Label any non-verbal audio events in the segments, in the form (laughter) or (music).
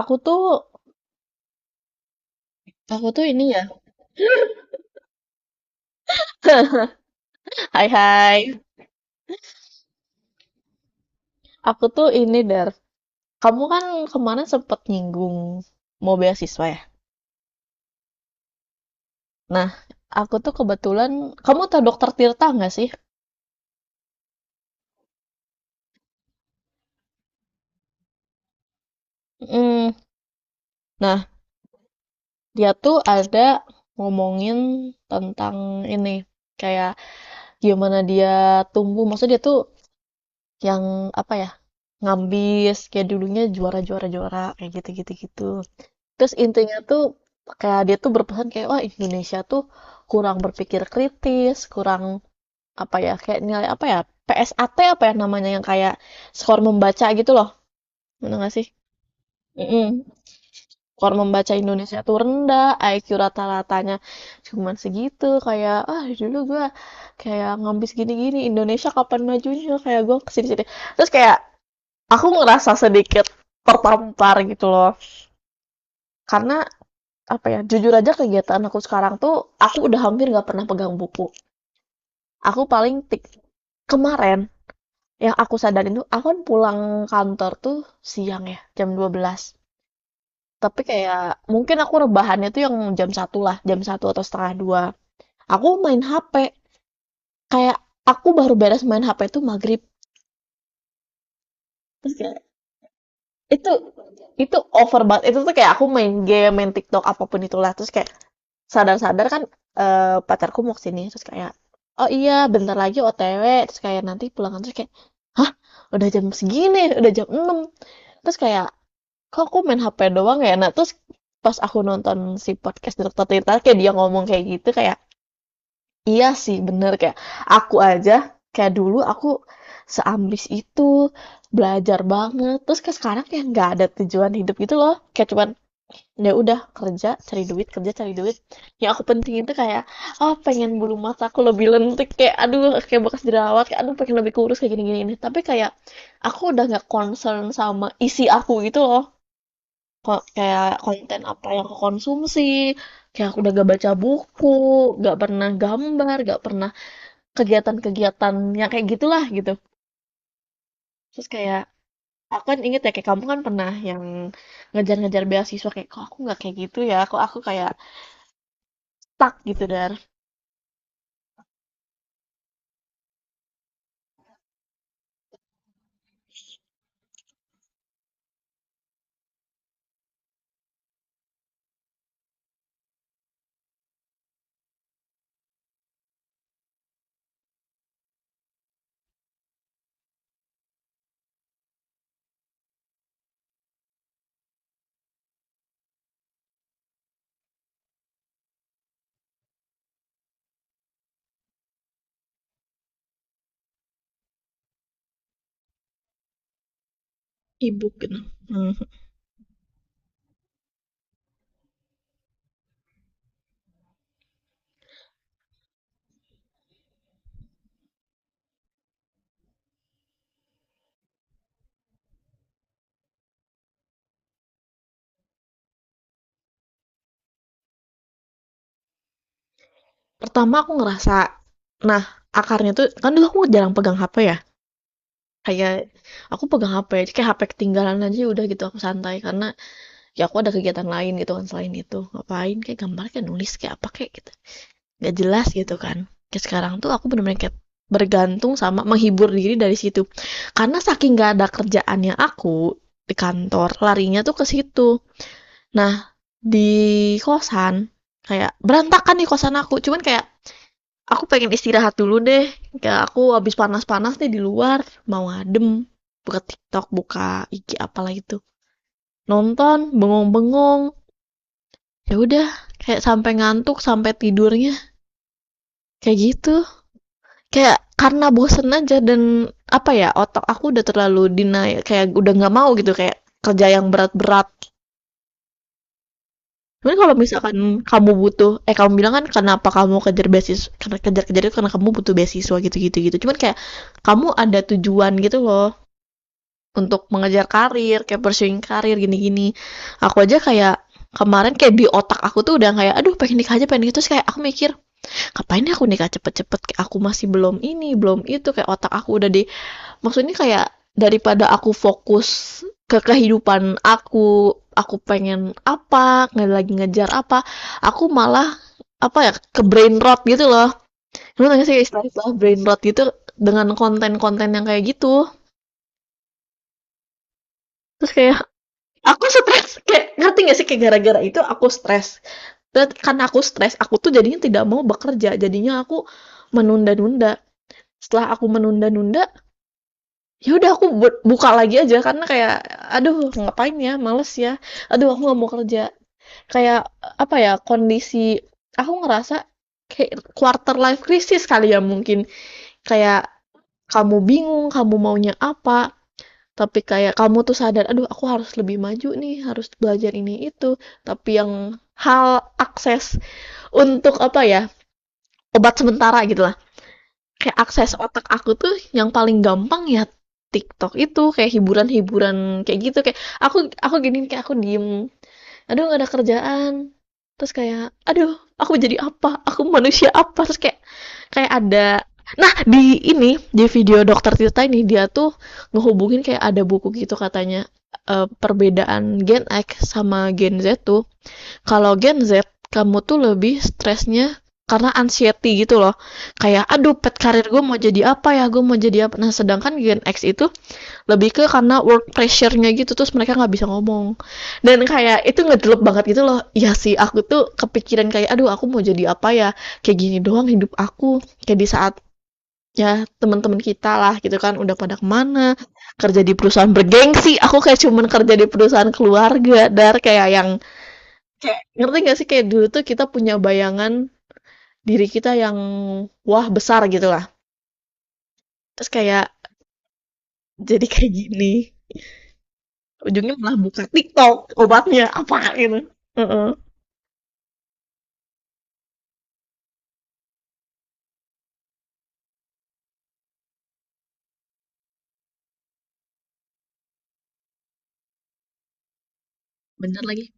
Aku tuh, aku tuh ini ya. (laughs) Hai hai. Aku tuh ini Dar. Kamu kan kemarin sempet nyinggung mau beasiswa ya. Nah, aku tuh kebetulan, kamu tau Dokter Tirta nggak sih? Mm. Nah, dia tuh ada ngomongin tentang ini, kayak gimana dia tumbuh. Maksudnya dia tuh yang apa ya? Ngambis, kayak dulunya juara juara juara kayak gitu gitu gitu. Terus intinya tuh kayak dia tuh berpesan kayak wah Indonesia tuh kurang berpikir kritis, kurang apa ya, kayak nilai apa ya, PSAT apa ya namanya, yang kayak skor membaca gitu loh. Bener gak sih? Mm-mm. Skor membaca Indonesia tuh rendah, IQ rata-ratanya cuman segitu. Kayak ah dulu gua kayak ngambis gini-gini, Indonesia kapan majunya, kayak gua kesini-sini. Terus kayak aku ngerasa sedikit tertampar gitu loh. Karena apa ya, jujur aja kegiatan aku sekarang tuh aku udah hampir nggak pernah pegang buku, aku paling tik kemarin yang aku sadarin tuh aku kan pulang kantor tuh siang ya jam 12.00, tapi kayak mungkin aku rebahannya tuh yang jam satu lah, jam satu atau setengah dua aku main HP, kayak aku baru beres main HP tuh maghrib. Terus kayak itu itu over banget, itu tuh kayak aku main game main TikTok apapun itulah. Terus kayak sadar-sadar kan, eh, pacarku mau kesini. Terus kayak oh iya bentar lagi OTW, terus kayak nanti pulang kantor kayak hah udah jam segini udah jam 6. Terus kayak kok aku main HP doang ya, nah terus pas aku nonton si podcast Dokter Tirta kayak dia ngomong kayak gitu, kayak iya sih bener. Kayak aku aja kayak dulu aku seambis itu belajar banget, terus kayak sekarang kayak nggak ada tujuan hidup gitu loh, kayak cuman ya udah kerja cari duit kerja cari duit. Yang aku penting itu kayak oh pengen bulu mata aku lebih lentik, kayak aduh kayak bekas jerawat, kayak aduh pengen lebih kurus kayak gini gini ini. Tapi kayak aku udah nggak concern sama isi aku gitu loh. Kayak konten apa yang aku konsumsi, kayak aku udah gak baca buku, gak pernah gambar, gak pernah kegiatan-kegiatan yang kayak gitulah gitu. Terus kayak aku kan inget ya kayak kamu kan pernah yang ngejar-ngejar beasiswa, kayak kok aku nggak kayak gitu ya, kok aku kayak stuck gitu, dan E-book gitu. Mhm. Pertama aku ngerasa, nah, akarnya tuh kan dulu aku jarang pegang HP ya, kayak aku pegang HP aja kayak HP ketinggalan aja udah gitu aku santai karena ya aku ada kegiatan lain gitu kan selain itu, ngapain, kayak gambar kayak nulis kayak apa kayak gitu, nggak jelas gitu kan. Kayak sekarang tuh aku bener-bener kayak bergantung sama menghibur diri dari situ. Karena saking nggak ada kerjaannya aku di kantor, larinya tuh ke situ. Nah, di kosan kayak berantakan nih kosan aku, cuman kayak aku pengen istirahat dulu deh. Kayak aku habis panas-panas nih di luar, mau adem. Buka TikTok, buka IG apalah itu. Nonton, bengong-bengong. Ya udah, kayak sampai ngantuk, sampai tidurnya. Kayak gitu. Kayak karena bosen aja dan apa ya, otak aku udah terlalu denial, kayak udah nggak mau gitu kayak kerja yang berat-berat. Cuman kalau misalkan kamu butuh, eh kamu bilang kan kenapa kamu kejar beasiswa, karena kejar-kejar itu karena kamu butuh beasiswa gitu-gitu gitu. Cuman kayak kamu ada tujuan gitu loh untuk mengejar karir, kayak pursuing karir gini-gini. Aku aja kayak kemarin kayak di otak aku tuh udah kayak aduh pengen nikah aja pengen nikah, terus kayak aku mikir ngapain ya aku nikah cepet-cepet, kayak aku masih belum ini belum itu, kayak otak aku udah di, maksudnya kayak daripada aku fokus ke kehidupan aku pengen apa nggak lagi ngejar apa, aku malah apa ya ke brain rot gitu loh, lu nanya sih istilah, brain rot gitu dengan konten-konten yang kayak gitu. Terus kayak aku stres, kayak ngerti gak sih kayak gara-gara itu aku stres, dan karena aku stres aku tuh jadinya tidak mau bekerja, jadinya aku menunda-nunda, setelah aku menunda-nunda ya udah aku buka lagi aja karena kayak aduh ngapain ya males ya, aduh aku nggak mau kerja. Kayak apa ya kondisi, aku ngerasa kayak quarter life crisis kali ya mungkin, kayak kamu bingung kamu maunya apa, tapi kayak kamu tuh sadar, "Aduh aku harus lebih maju nih, harus belajar ini itu," tapi yang hal akses untuk apa ya, obat sementara gitulah, kayak akses otak aku tuh yang paling gampang ya TikTok itu, kayak hiburan-hiburan kayak gitu, kayak aku gini, kayak aku diem, "Aduh gak ada kerjaan," terus kayak, "Aduh aku jadi apa? Aku manusia apa?" Terus kayak kayak ada, nah di ini di video dokter Tirta ini dia tuh ngehubungin kayak ada buku gitu katanya, eh, perbedaan Gen X sama Gen Z tuh kalau Gen Z kamu tuh lebih stresnya karena anxiety gitu loh, kayak aduh pet karir gue mau jadi apa ya gue mau jadi apa, nah sedangkan Gen X itu lebih ke karena work pressure-nya gitu terus mereka nggak bisa ngomong dan kayak itu ngedelep banget gitu loh. Ya sih aku tuh kepikiran kayak aduh aku mau jadi apa ya, kayak gini doang hidup aku, kayak di saat ya teman-teman kita lah gitu kan udah pada kemana, kerja di perusahaan bergengsi, aku kayak cuman kerja di perusahaan keluarga dar, kayak yang ngerti nggak sih kayak dulu tuh kita punya bayangan diri kita yang wah besar gitu lah. Terus kayak jadi kayak gini. Ujungnya malah buka TikTok obatnya, apa gitu. Heeh. Bener lagi.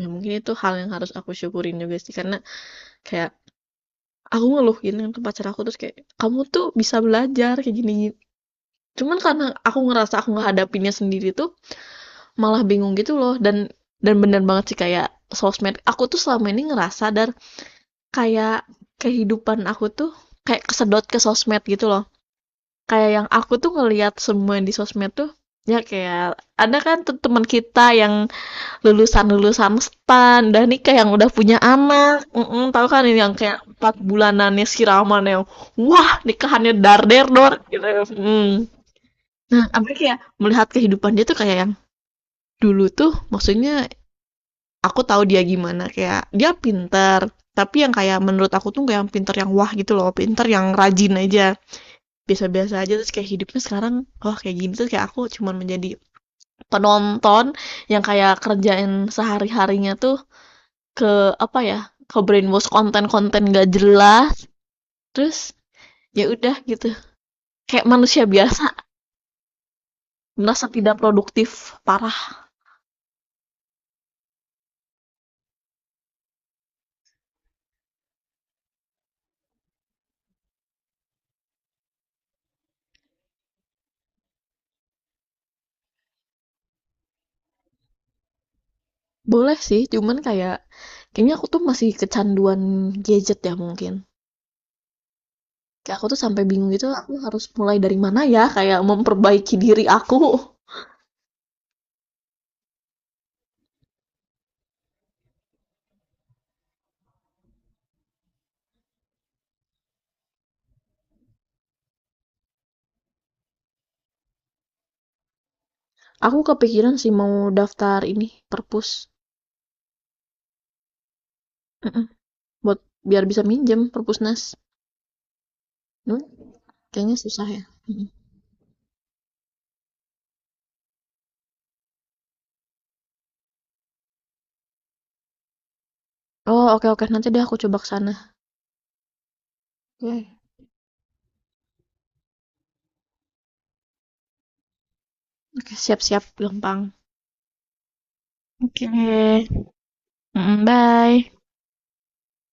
Ya mungkin itu hal yang harus aku syukurin juga sih karena kayak aku ngeluh gini kan pacar aku terus kayak, "Kamu tuh bisa belajar kayak gini." Cuman karena aku ngerasa aku ngehadapinnya sendiri tuh malah bingung gitu loh, dan bener banget sih kayak sosmed. Aku tuh selama ini ngerasa dar, kayak kehidupan aku tuh kayak kesedot ke sosmed gitu loh. Kayak yang aku tuh ngelihat semua di sosmed tuh ya kayak ada kan teman kita yang lulusan-lulusan stan dan nikah yang udah punya anak, tahu kan ini yang kayak 4 bulanannya siraman yang wah nikahannya dar der dor gitu. Mm. Nah apa kayak melihat kehidupan dia tuh kayak yang dulu tuh maksudnya aku tahu dia gimana, kayak dia pinter, tapi yang kayak menurut aku tuh kayak yang pinter yang wah gitu loh, pinter yang rajin aja biasa-biasa aja, terus kayak hidupnya sekarang oh kayak gini, terus kayak aku cuman menjadi penonton yang kayak kerjain sehari-harinya tuh ke apa ya, ke-brainwash konten-konten nggak jelas, terus ya udah gitu. Kayak manusia biasa merasa tidak produktif parah. Boleh sih, cuman kayak kayaknya aku tuh masih kecanduan gadget ya mungkin. Kayak aku tuh sampai bingung gitu, aku harus mulai dari mana ya, kayak memperbaiki diri aku. Aku kepikiran sih mau daftar ini, perpus. Mhm, buat biar bisa minjem perpusnas. Cuman kayaknya susah ya. Mhm. Oh, oke oke, nanti deh aku coba kesana sana. Oke. Okay. Oke, siap-siap gampang. Oke. Oke. Mm, bye.